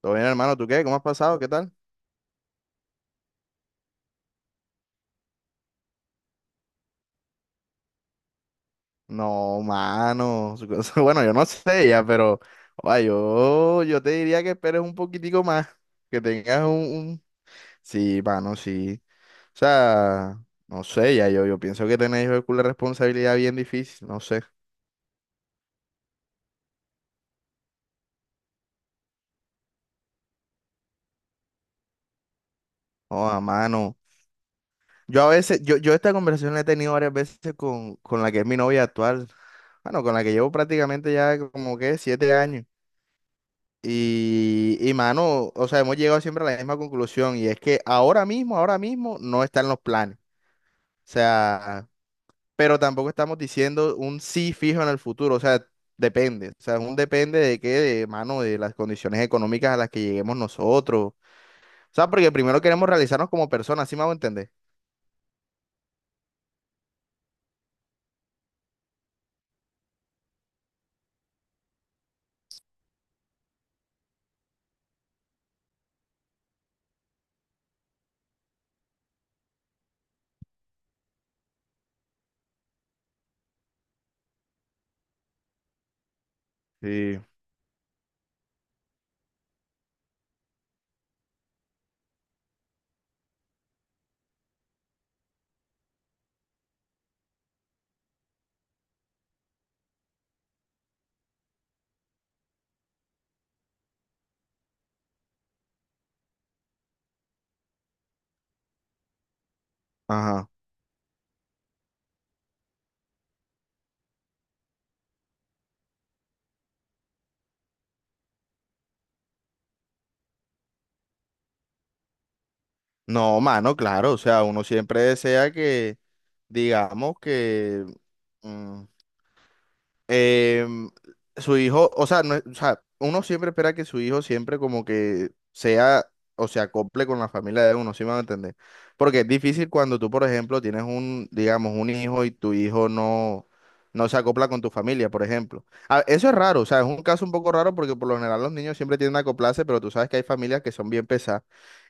Todo bien, hermano, ¿tú qué? ¿Cómo has pasado? ¿Qué tal? No, mano. Su Bueno, yo no sé ya, pero oa, yo te diría que esperes un poquitico más. Que tengas un- Sí, mano, sí. O sea, no sé, ya yo pienso que tenéis una responsabilidad bien difícil, no sé. Oh, mano. Yo a veces, yo esta conversación la he tenido varias veces con la que es mi novia actual. Bueno, con la que llevo prácticamente ya como que 7 años. Y mano, o sea, hemos llegado siempre a la misma conclusión y es que ahora mismo no están los planes. O sea, pero tampoco estamos diciendo un sí fijo en el futuro. O sea, depende. O sea, es un depende de qué, de, mano, de las condiciones económicas a las que lleguemos nosotros. O sea, porque primero queremos realizarnos como personas, ¿sí me hago entender? Sí. Ajá. No, mano, claro. O sea, uno siempre desea que, digamos que... mm, em, su hijo, o sea, no es- o sea, uno siempre espera que su hijo siempre como que sea o se acople con la familia de uno, ¿sí me van a entender? Porque es difícil cuando tú, por ejemplo, tienes un, digamos, un hijo y tu hijo no se acopla con tu familia, por ejemplo. Eso es raro, o sea, es un caso un poco raro porque por lo general los niños siempre tienden a acoplarse, pero tú sabes que hay familias que son bien pesadas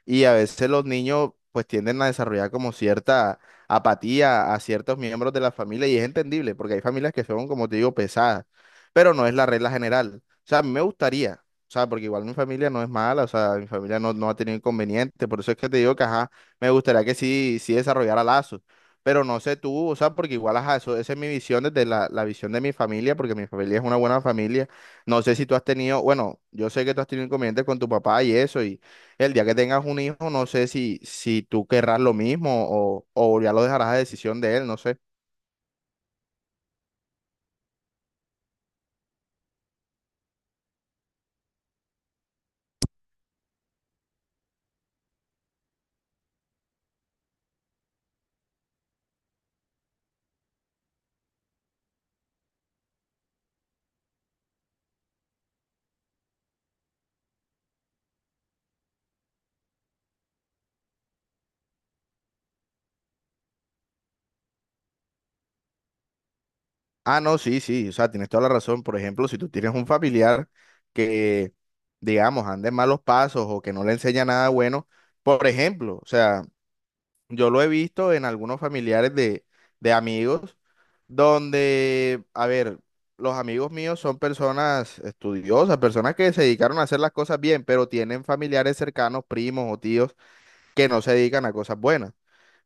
y a veces los niños pues tienden a desarrollar como cierta apatía a ciertos miembros de la familia y es entendible, porque hay familias que son, como te digo, pesadas, pero no es la regla general. O sea, a mí me gustaría, o sea, porque igual mi familia no es mala, o sea, mi familia no ha tenido inconvenientes, por eso es que te digo que, ajá, me gustaría que sí, sí desarrollara lazos. Pero no sé tú, o sea, porque igual, ajá, eso, esa es mi visión desde la visión de mi familia, porque mi familia es una buena familia. No sé si tú has tenido, bueno, yo sé que tú has tenido inconvenientes con tu papá y eso, y el día que tengas un hijo, no sé si tú querrás lo mismo o ya lo dejarás a decisión de él, no sé. Ah, no, sí, sí, o sea, tienes toda la razón. Por ejemplo, si tú tienes un familiar que, digamos, ande en malos pasos o que no le enseña nada bueno, por ejemplo, o sea, yo lo he visto en algunos familiares de amigos donde, a ver, los amigos míos son personas estudiosas, personas que se dedicaron a hacer las cosas bien, pero tienen familiares cercanos, primos o tíos que no se dedican a cosas buenas.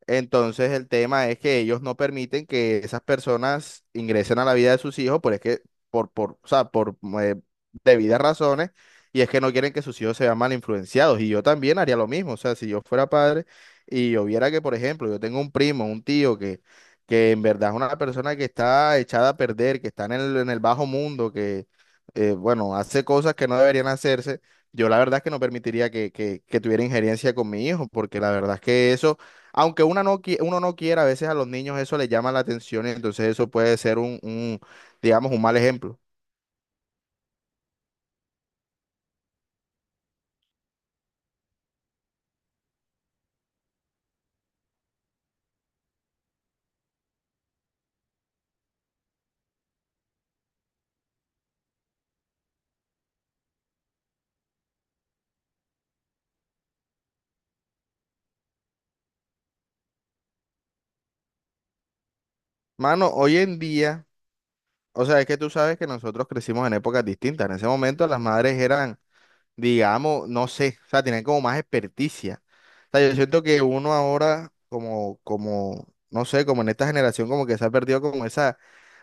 Entonces el tema es que ellos no permiten que esas personas ingresen a la vida de sus hijos, por es que por o sea, por eh, debidas razones y es que no quieren que sus hijos se vean mal influenciados y yo también haría lo mismo, o sea, si yo fuera padre y yo viera que por ejemplo, yo tengo un primo, un tío que en verdad es una persona que está echada a perder, que está en el bajo mundo, que bueno, hace cosas que no deberían hacerse, yo la verdad es que no permitiría que tuviera injerencia con mi hijo, porque la verdad es que eso aunque una no, qui- uno no quiera, a veces a los niños eso les llama la atención y entonces eso puede ser un, digamos, un mal ejemplo. Mano, hoy en día, o sea, es que tú sabes que nosotros crecimos en épocas distintas. En ese momento las madres eran, digamos, no sé, o sea, tenían como más experticia. O sea, yo siento que uno ahora, no sé, como en esta generación, como que se ha perdido como esa...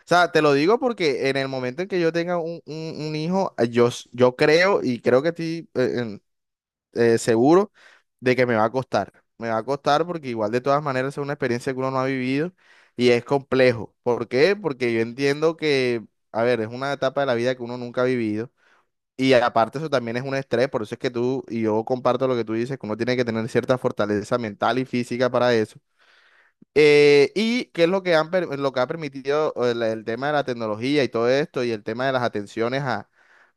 O sea, te lo digo porque en el momento en que yo tenga un, un hijo, yo creo y creo que estoy seguro de que me va a costar. Me va a costar porque igual de todas maneras es una experiencia que uno no ha vivido y es complejo. ¿Por qué? Porque yo entiendo que, a ver, es una etapa de la vida que uno nunca ha vivido. Y aparte eso también es un estrés, por eso es que tú y yo comparto lo que tú dices, que uno tiene que tener cierta fortaleza mental y física para eso. Y qué es lo que lo que ha permitido el tema de la tecnología y todo esto y el tema de las atenciones a,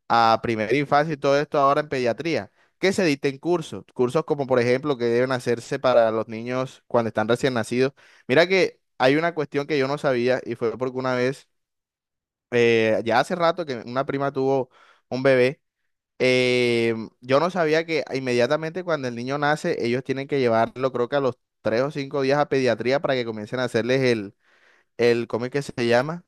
a primera infancia y todo esto ahora en pediatría, que se dicten cursos, cursos como por ejemplo que deben hacerse para los niños cuando están recién nacidos. Mira que hay una cuestión que yo no sabía y fue porque una vez, ya hace rato que una prima tuvo un bebé, eh, yo no sabía que inmediatamente cuando el niño nace, ellos tienen que llevarlo creo que a los 3 o 5 días a pediatría para que comiencen a hacerles el, ¿cómo es que se llama?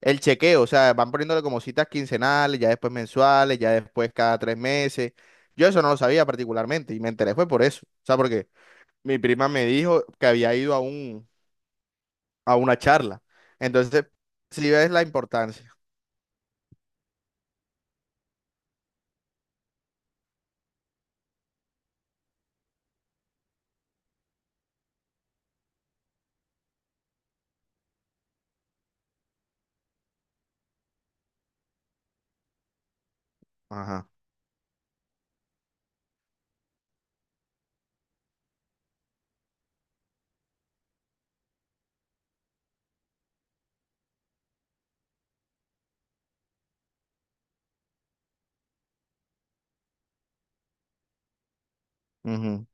El chequeo, o sea, van poniéndole como citas quincenales, ya después mensuales, ya después cada 3 meses. Yo eso no lo sabía particularmente y me enteré fue por eso. O sea, porque mi prima me dijo que había ido a a una charla. Entonces, si ves la importancia. Ajá. Ujú.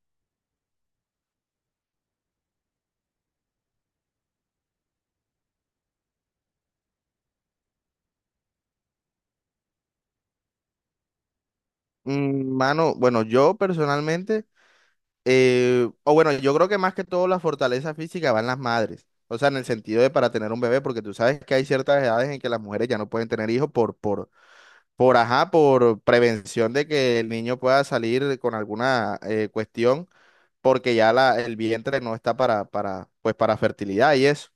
Mano, bueno, yo personalmente, o bueno, yo creo que más que todo la fortaleza física va en las madres. O sea, en el sentido de para tener un bebé, porque tú sabes que hay ciertas edades en que las mujeres ya no pueden tener hijos por ajá, por prevención de que el niño pueda salir con alguna cuestión, porque ya el vientre no está pues, para fertilidad y eso.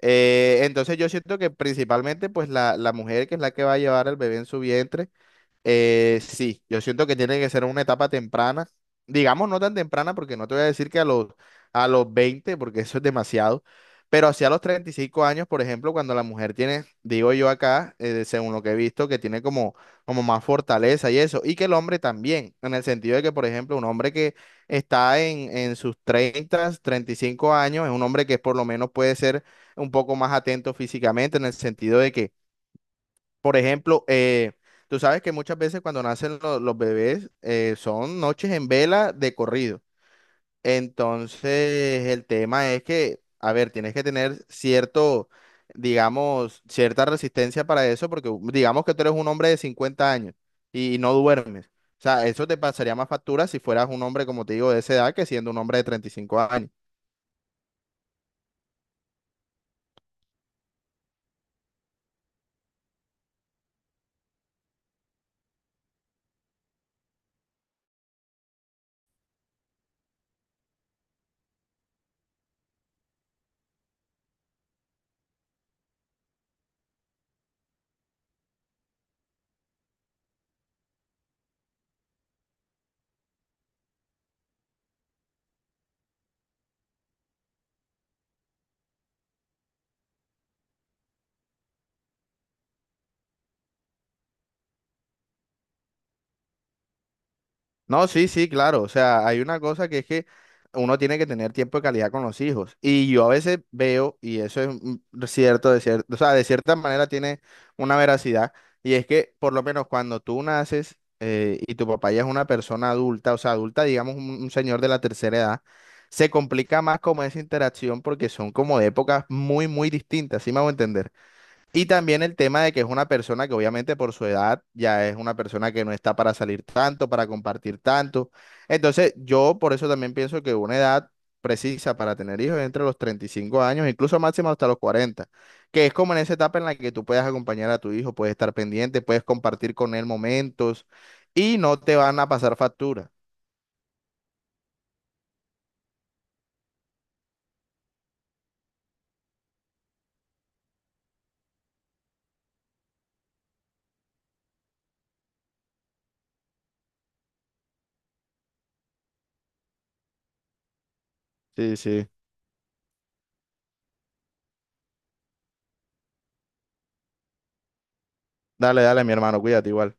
Entonces yo siento que principalmente pues la mujer que es la que va a llevar el bebé en su vientre, sí, yo siento que tiene que ser una etapa temprana, digamos no tan temprana porque no te voy a decir que a los 20, porque eso es demasiado, pero hacia los 35 años, por ejemplo, cuando la mujer tiene, digo yo acá, según lo que he visto, que tiene como, como más fortaleza y eso, y que el hombre también, en el sentido de que, por ejemplo, un hombre que está en sus 30 35 años, es un hombre que por lo menos puede ser un poco más atento físicamente, en el sentido de que por ejemplo, tú sabes que muchas veces cuando nacen los bebés son noches en vela de corrido. Entonces, el tema es que, a ver, tienes que tener cierto, digamos, cierta resistencia para eso, porque digamos que tú eres un hombre de 50 años y no duermes. O sea, eso te pasaría más factura si fueras un hombre, como te digo, de esa edad que siendo un hombre de 35 años. No, sí, sí, claro. O sea, hay una cosa que es que uno tiene que tener tiempo de calidad con los hijos. Y yo a veces veo, y eso es cierto, o sea, de cierta manera tiene una veracidad, y es que por lo menos cuando tú naces y tu papá ya es una persona adulta, o sea, adulta, digamos, un señor de la tercera edad, se complica más como esa interacción porque son como de épocas muy, muy distintas, ¿sí me hago entender? Y también el tema de que es una persona que obviamente por su edad ya es una persona que no está para salir tanto, para compartir tanto. Entonces yo por eso también pienso que una edad precisa para tener hijos es entre los 35 años, incluso máximo hasta los 40 que es como en esa etapa en la que tú puedes acompañar a tu hijo, puedes estar pendiente, puedes compartir con él momentos y no te van a pasar factura. Sí, sí. Dale, dale, mi hermano, cuídate igual.